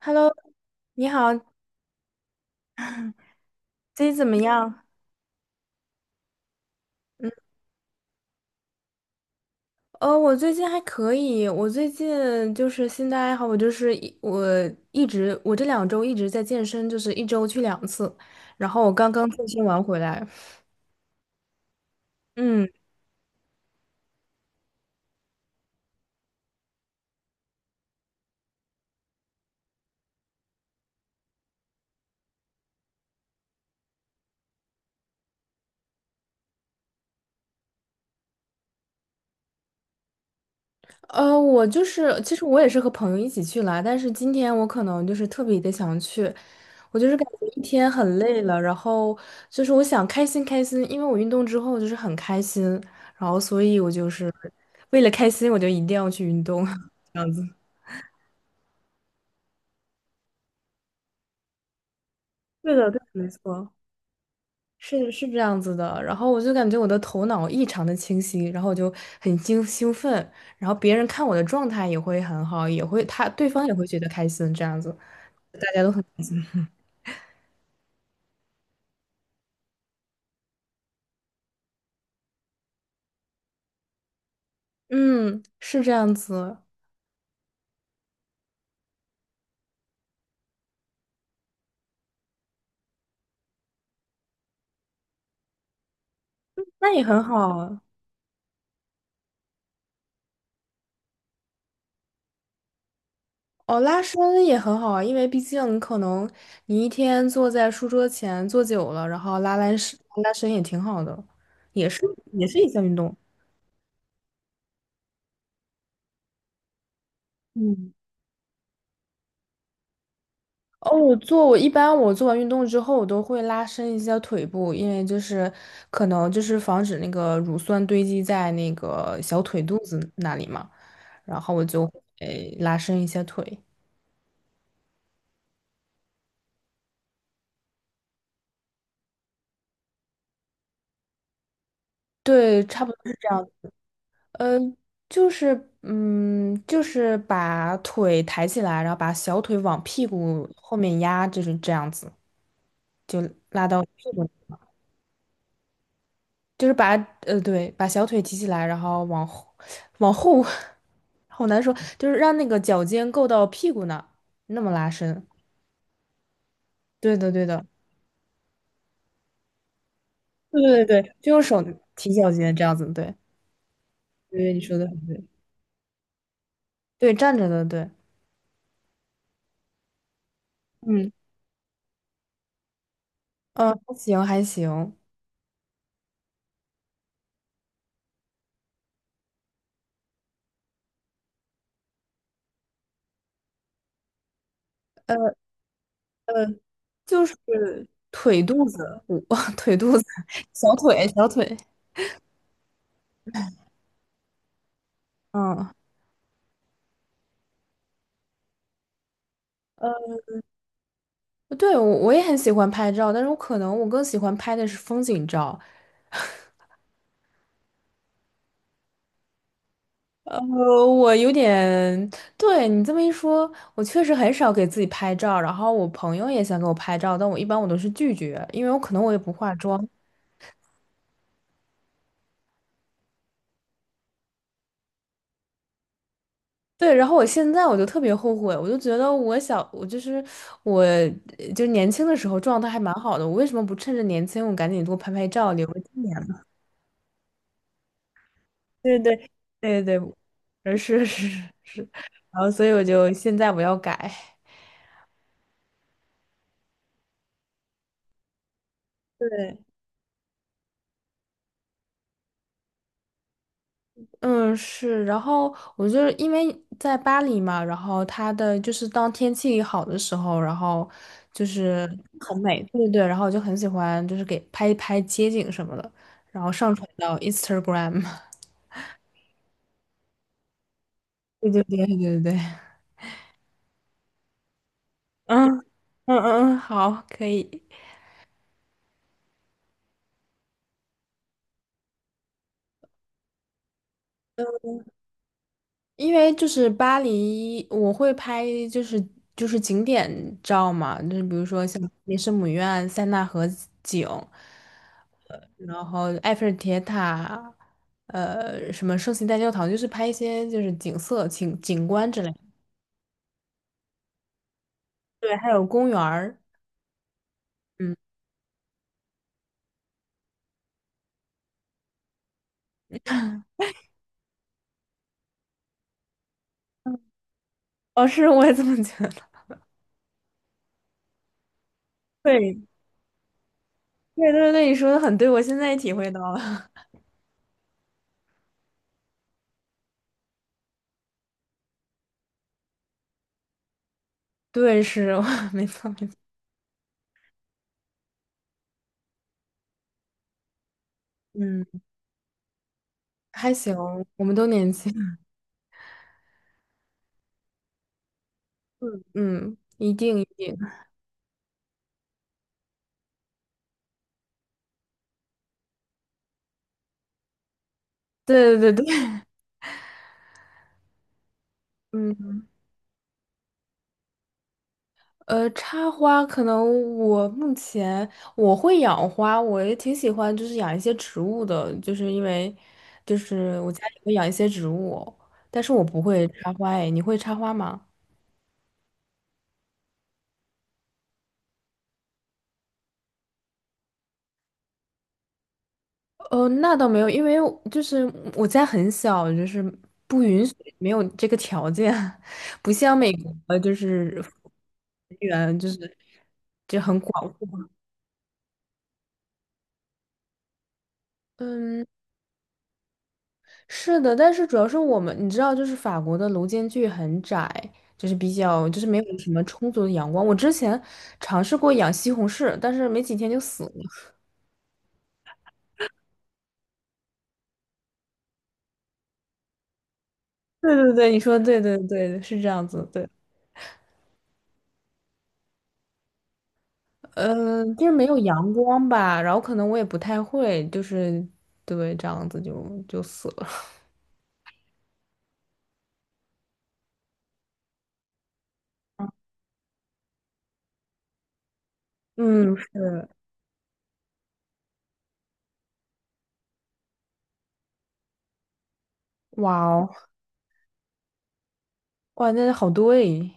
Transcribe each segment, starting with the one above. Hello，你好，最近怎么样？我最近还可以，我最近就是新的爱好，我就是一我一直我这2周一直在健身，就是一周去2次，然后我刚刚健身完回来。嗯。我就是，其实我也是和朋友一起去啦，但是今天我可能就是特别的想去，我就是感觉一天很累了，然后就是我想开心开心，因为我运动之后就是很开心，然后所以我就是为了开心，我就一定要去运动，这样子。对的，对的，没错，是的，是这样子的。然后我就感觉我的头脑异常的清晰，然后我就很兴奋，然后别人看我的状态也会很好，也会他对方也会觉得开心，这样子。大家都很。嗯，是这样子。那也很好啊。哦，拉伸也很好啊，因为毕竟可能你一天坐在书桌前坐久了，然后拉伸也挺好的，也是也是一项运动。嗯。哦，我做我一般我做完运动之后，我都会拉伸一下腿部，因为就是可能就是防止那个乳酸堆积在那个小腿肚子那里嘛，然后我就会拉伸一下腿。对，差不多是这样。嗯，就是把腿抬起来，然后把小腿往屁股后面压，就是这样子，就拉到屁股，就是把呃对，把小腿提起来，然后往后往后，好难说，就是让那个脚尖够到屁股那儿那么拉伸。对的，对的，对对对对，就用手提脚尖这样子，对，对，你说的很对，站着的，对。嗯。还行还行。呃，呃就是腿肚子，我 腿肚子，小腿，小腿。嗯。呃，对，我也很喜欢拍照，但是我可能我更喜欢拍的是风景照。呃，我有点，对你这么一说，我确实很少给自己拍照。然后我朋友也想给我拍照，但我一般都是拒绝，因为我可能也不化妆。对，然后我现在就特别后悔，我就觉得我小，我就是我，呃就是年轻的时候状态还蛮好的，我为什么不趁着年轻我赶紧多拍拍照，留个纪念？对对对对对。是是是，然后所以我就现在要改。对，嗯，是，然后我就是因为在巴黎嘛，然后它的就是当天气好的时候，然后就是很美，对对对，然后我就很喜欢就是给拍一拍街景什么的，然后上传到 Instagram。对对对对对对，嗯嗯嗯嗯，好，可以。因为就是巴黎，我会拍就是景点照嘛，就是比如说像雷圣母院、塞纳河景，然后埃菲尔铁塔，什么圣心大教堂，就是拍一些就是景色、景观之类的。对，还有公园儿。嗯。哦，是，我也这么觉得。对，对对对，你说的很对，我现在也体会到了。对，是，没错没错。嗯，还行，我们都年轻，嗯嗯，一定一定。对对对，对，嗯。插花可能我目前会养花，我也挺喜欢，就是养一些植物的，就是因为就是我家里会养一些植物，但是我不会插花。哎，你会插花吗？那倒没有，因为我家很小，就是不允许，没有这个条件，不像美国，就是人员，就是。嗯，是的，但是主要是我们，你知道，就是法国的楼间距很窄，就是比较，就是没有什么充足的阳光。我之前尝试过养西红柿，但是没几天就死了。对对对，你说的对对对，是这样子，对。嗯，就是没有阳光吧，然后可能我也不太会，就是对这样子就死了。嗯，是。哇哦，哇，那好多诶。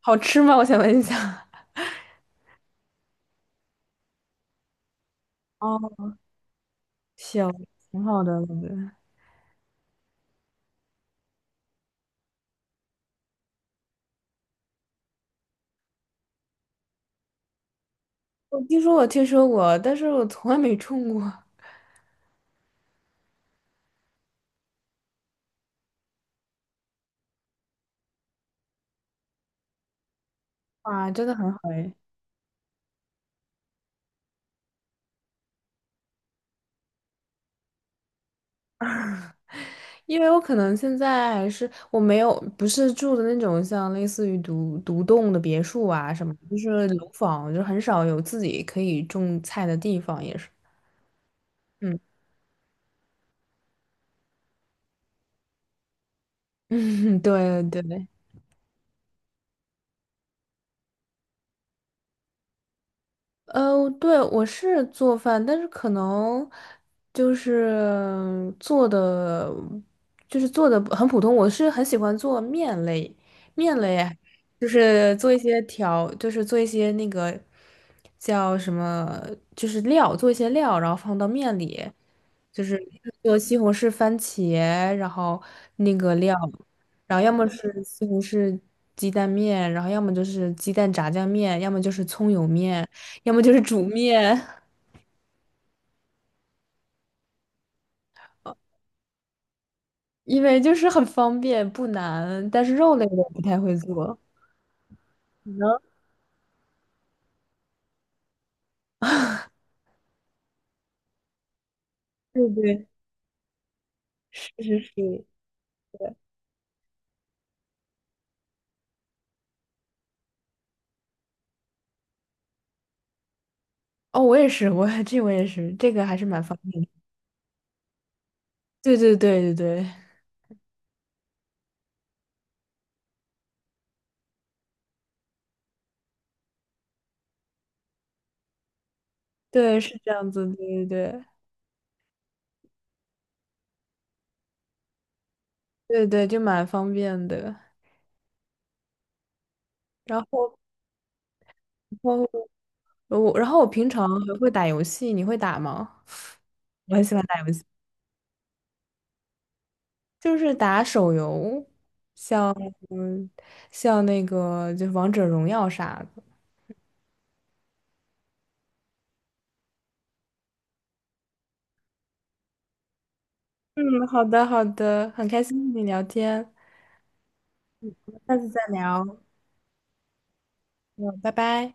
好吃吗？我想问一下。哦，行，挺好的，我觉得。我听说过，但是我从来没种过。哇，真的很好哎。因为我可能现在还是我没有不是住的那种像类似于独栋的别墅啊什么，就是楼房，就很少有自己可以种菜的地方，也是。嗯 嗯。对对。对，我是做饭，但是可能就是做的，就是做的很普通。我是很喜欢做面类。面类啊，就是做一些调，就是做一些那个叫什么，就是料，做一些料，然后放到面里，就是做西红柿、番茄，然后那个料，然后要么是西红柿鸡蛋面，然后要么就是鸡蛋炸酱面，要么就是葱油面。要么就是煮面，因为就是很方便不难，但是肉类我不太会做。你呢？对对，是是是。哦，我也是，我也是，这个还是蛮方便的。对对对对对对，是这样子，对对对对对，就蛮方便的。然后，然后呃我，然后我平常还会打游戏，你会打吗？我很喜欢打游戏，就是打手游，像嗯，像那个就是王者荣耀啥的。嗯，好的，好的，很开心跟你聊天，下次再聊。嗯，拜拜。